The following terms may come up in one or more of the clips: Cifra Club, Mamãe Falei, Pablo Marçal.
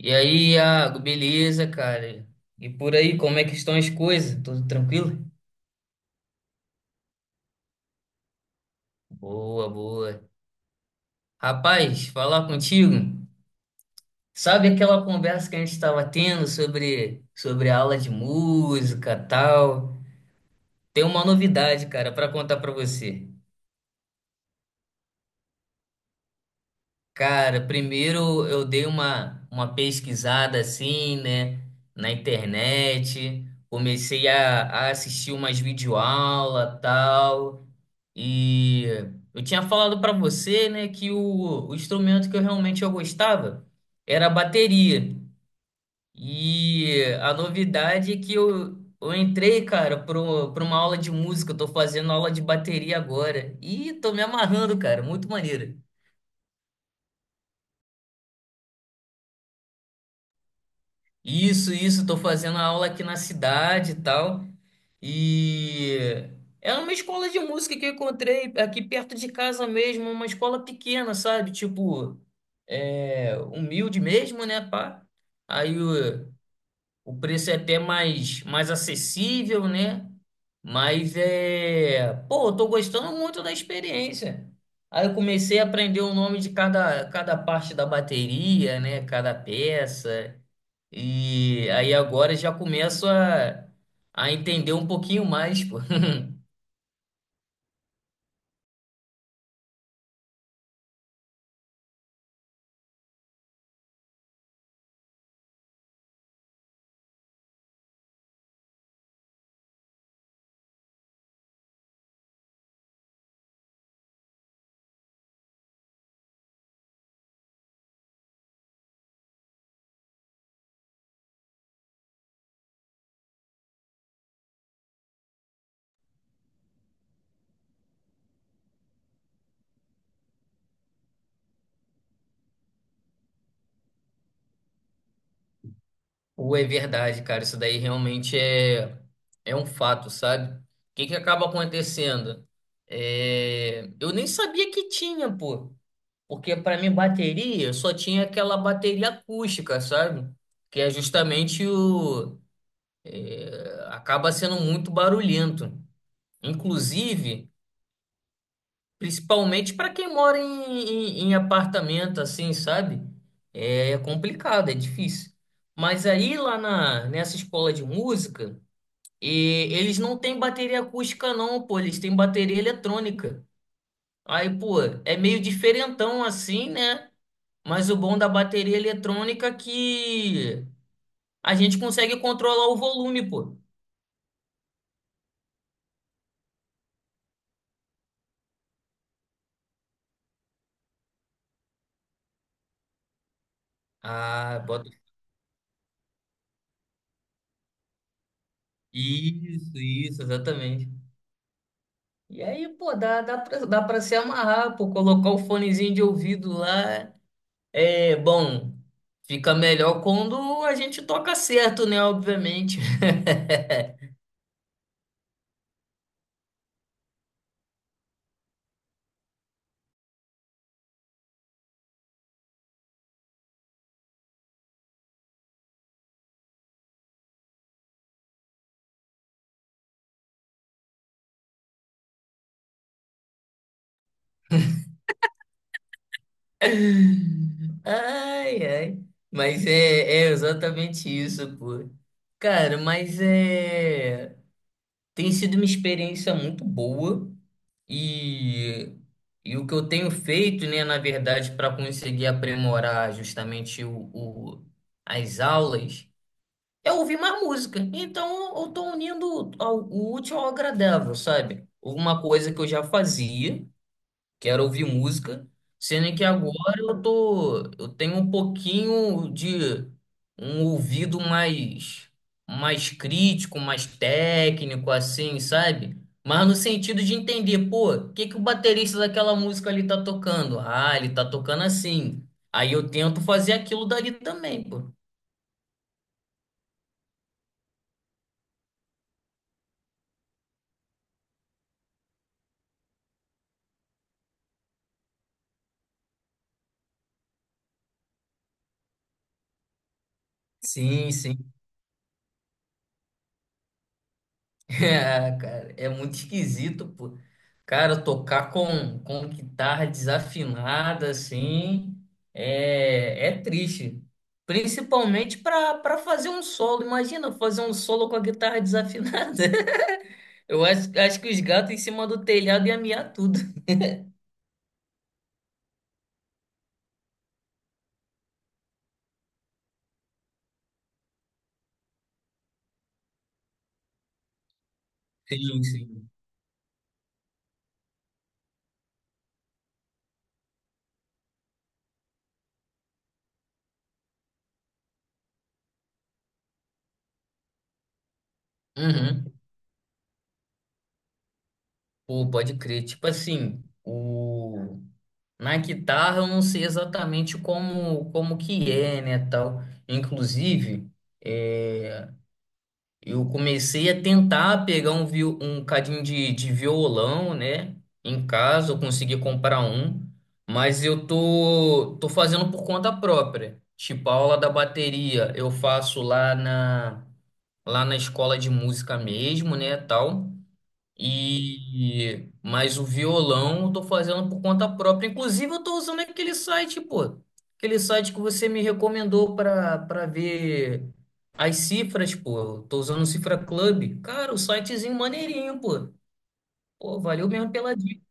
E aí, Iago, beleza, cara? E por aí, como é que estão as coisas? Tudo tranquilo? Boa, boa. Rapaz, falar contigo. Sabe aquela conversa que a gente estava tendo sobre a aula de música, tal? Tem uma novidade, cara, para contar para você. Cara, primeiro eu dei uma pesquisada assim, né, na internet. Comecei a assistir umas videoaulas, tal. E eu tinha falado para você, né, que o instrumento que eu realmente eu gostava era a bateria. E a novidade é que eu entrei, cara, para uma aula de música. Eu tô fazendo aula de bateria agora. E tô me amarrando, cara, muito maneiro. Isso, tô fazendo a aula aqui na cidade e tal. E era uma escola de música que eu encontrei aqui perto de casa mesmo, uma escola pequena, sabe? Tipo, é, humilde mesmo, né, pá? Aí o preço é até mais, mais acessível, né? Mas é, pô, eu tô gostando muito da experiência. Aí eu comecei a aprender o nome de cada, cada parte da bateria, né? Cada peça. E aí agora já começo a entender um pouquinho mais, pô. Ou é verdade, cara, isso daí realmente é, é um fato, sabe? O que que acaba acontecendo? É, eu nem sabia que tinha, pô. Porque pra mim bateria, eu só tinha aquela bateria acústica, sabe? Que é justamente o... é, acaba sendo muito barulhento. Inclusive... Principalmente para quem mora em apartamento, assim, sabe? É é complicado, é difícil. Mas aí lá na, nessa escola de música, eles não têm bateria acústica, não, pô, eles têm bateria eletrônica. Aí, pô, é meio diferentão assim, né? Mas o bom da bateria eletrônica é que a gente consegue controlar o volume, pô. Ah, bota. Isso, exatamente. E aí, pô, dá pra se amarrar, pô, colocar o fonezinho de ouvido lá. É, bom, fica melhor quando a gente toca certo, né? Obviamente. Ai, ai. Mas é, é exatamente isso, pô. Cara, mas é. Tem sido uma experiência muito boa e, e o que eu tenho feito, né, na verdade, para conseguir aprimorar justamente as aulas eu ouvi uma música. Então eu tô unindo o útil ao agradável, sabe? Uma coisa que eu já fazia, que era ouvir música, sendo que agora eu tô, eu tenho um pouquinho de um ouvido mais crítico, mais técnico assim, sabe? Mas no sentido de entender, pô, o que que o baterista daquela música ali tá tocando? Ah, ele tá tocando assim. Aí eu tento fazer aquilo dali também, pô. Sim, sim. É, cara, é muito esquisito, pô. Cara, tocar com guitarra desafinada, assim, é, é triste. Principalmente para fazer um solo. Imagina fazer um solo com a guitarra desafinada. Eu acho, acho que os gatos em cima do telhado iam miar tudo. Sim, sim. Uhum. Pô, pode crer. Tipo assim, o... na guitarra eu não sei exatamente como, como que é, né, tal. Inclusive. É, Eu comecei a tentar pegar um, um cadinho de violão, né? Em casa, eu consegui comprar um, mas eu tô, tô fazendo por conta própria. Tipo, a aula da bateria eu faço lá na escola de música mesmo, né? Tal. E mas o violão eu tô fazendo por conta própria. Inclusive eu tô usando aquele site, pô. Aquele site que você me recomendou para ver as cifras, pô. Eu tô usando o Cifra Club. Cara, o sitezinho maneirinho, pô. Pô, valeu mesmo pela dica.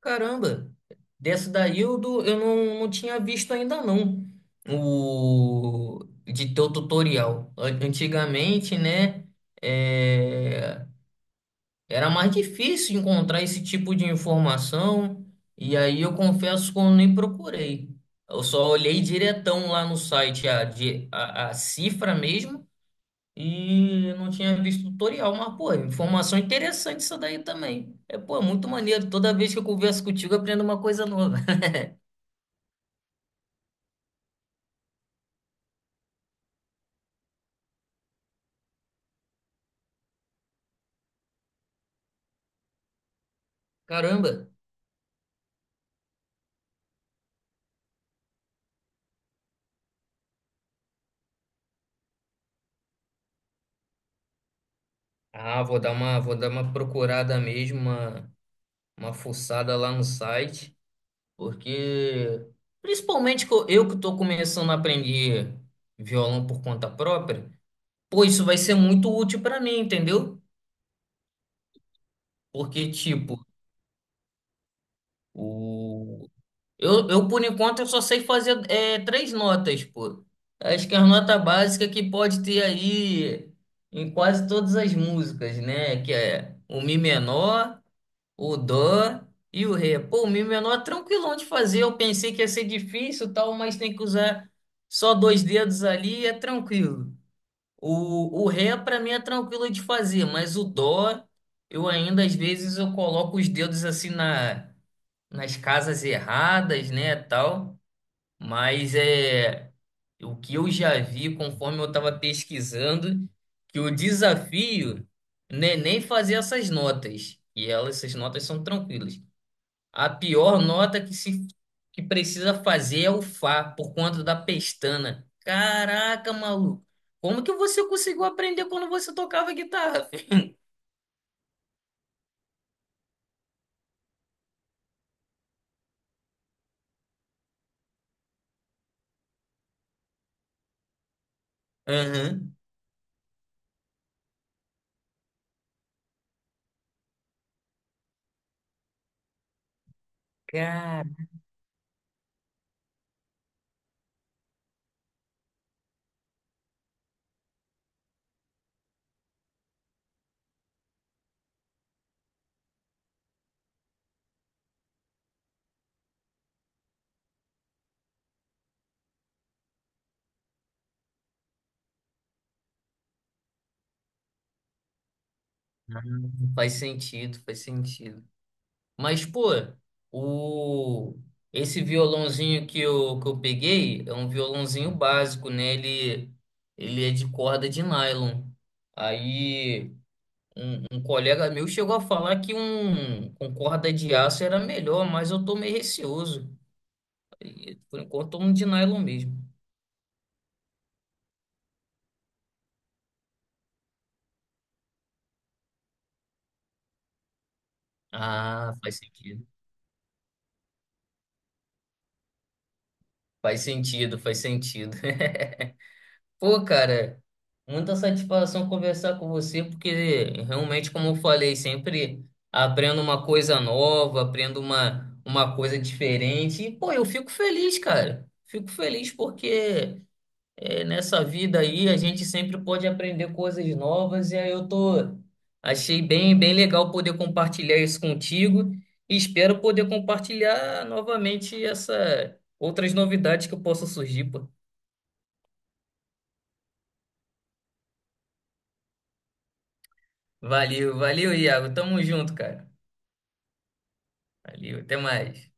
Caramba. Dessa daí eu não tinha visto ainda não. O de teu tutorial. Antigamente, né? eh, Era mais difícil encontrar esse tipo de informação, e aí eu confesso que eu nem procurei. Eu só olhei diretão lá no site a cifra mesmo e não tinha visto tutorial, mas, pô, informação interessante isso daí também. É, pô, muito maneiro. Toda vez que eu converso contigo, eu aprendo uma coisa nova. Caramba! Ah, vou dar uma procurada mesmo, uma fuçada lá no site. Porque, principalmente que eu que estou começando a aprender violão por conta própria, pô, isso vai ser muito útil para mim, entendeu? Porque, tipo, o... eu, por enquanto, eu só sei fazer é, três notas, pô. Acho que é a nota básica que pode ter aí em quase todas as músicas, né? Que é o Mi menor, o Dó e o Ré. Pô, o Mi menor é tranquilão de fazer. Eu pensei que ia ser difícil, e tal, mas tem que usar só dois dedos ali e é tranquilo. O Ré para mim é tranquilo de fazer, mas o Dó eu ainda às vezes eu coloco os dedos assim na, nas casas erradas, né, tal. Mas é o que eu já vi conforme eu estava pesquisando que o desafio não é nem fazer essas notas. E elas, essas notas são tranquilas. A pior nota que se que precisa fazer é o Fá, por conta da pestana. Caraca, maluco. Como que você conseguiu aprender quando você tocava guitarra, filho? Aham. Cara, faz sentido, faz sentido. Mas, pô, o... esse violãozinho que eu peguei é um violãozinho básico, né? Ele é de corda de nylon. Aí. Um colega meu chegou a falar que um com corda de aço era melhor, mas eu tô meio receoso. E, por enquanto, tô um de nylon mesmo. Ah, faz sentido. Faz sentido, faz sentido. Pô, cara, muita satisfação conversar com você, porque realmente, como eu falei, sempre aprendo uma coisa nova, aprendo uma coisa diferente. E, pô, eu fico feliz, cara. Fico feliz porque. É, nessa vida aí a gente sempre pode aprender coisas novas e aí eu tô achei bem bem legal poder compartilhar isso contigo e espero poder compartilhar novamente essa outras novidades que possam surgir, pô. Valeu, valeu, Iago. Tamo junto, cara. Valeu, até mais.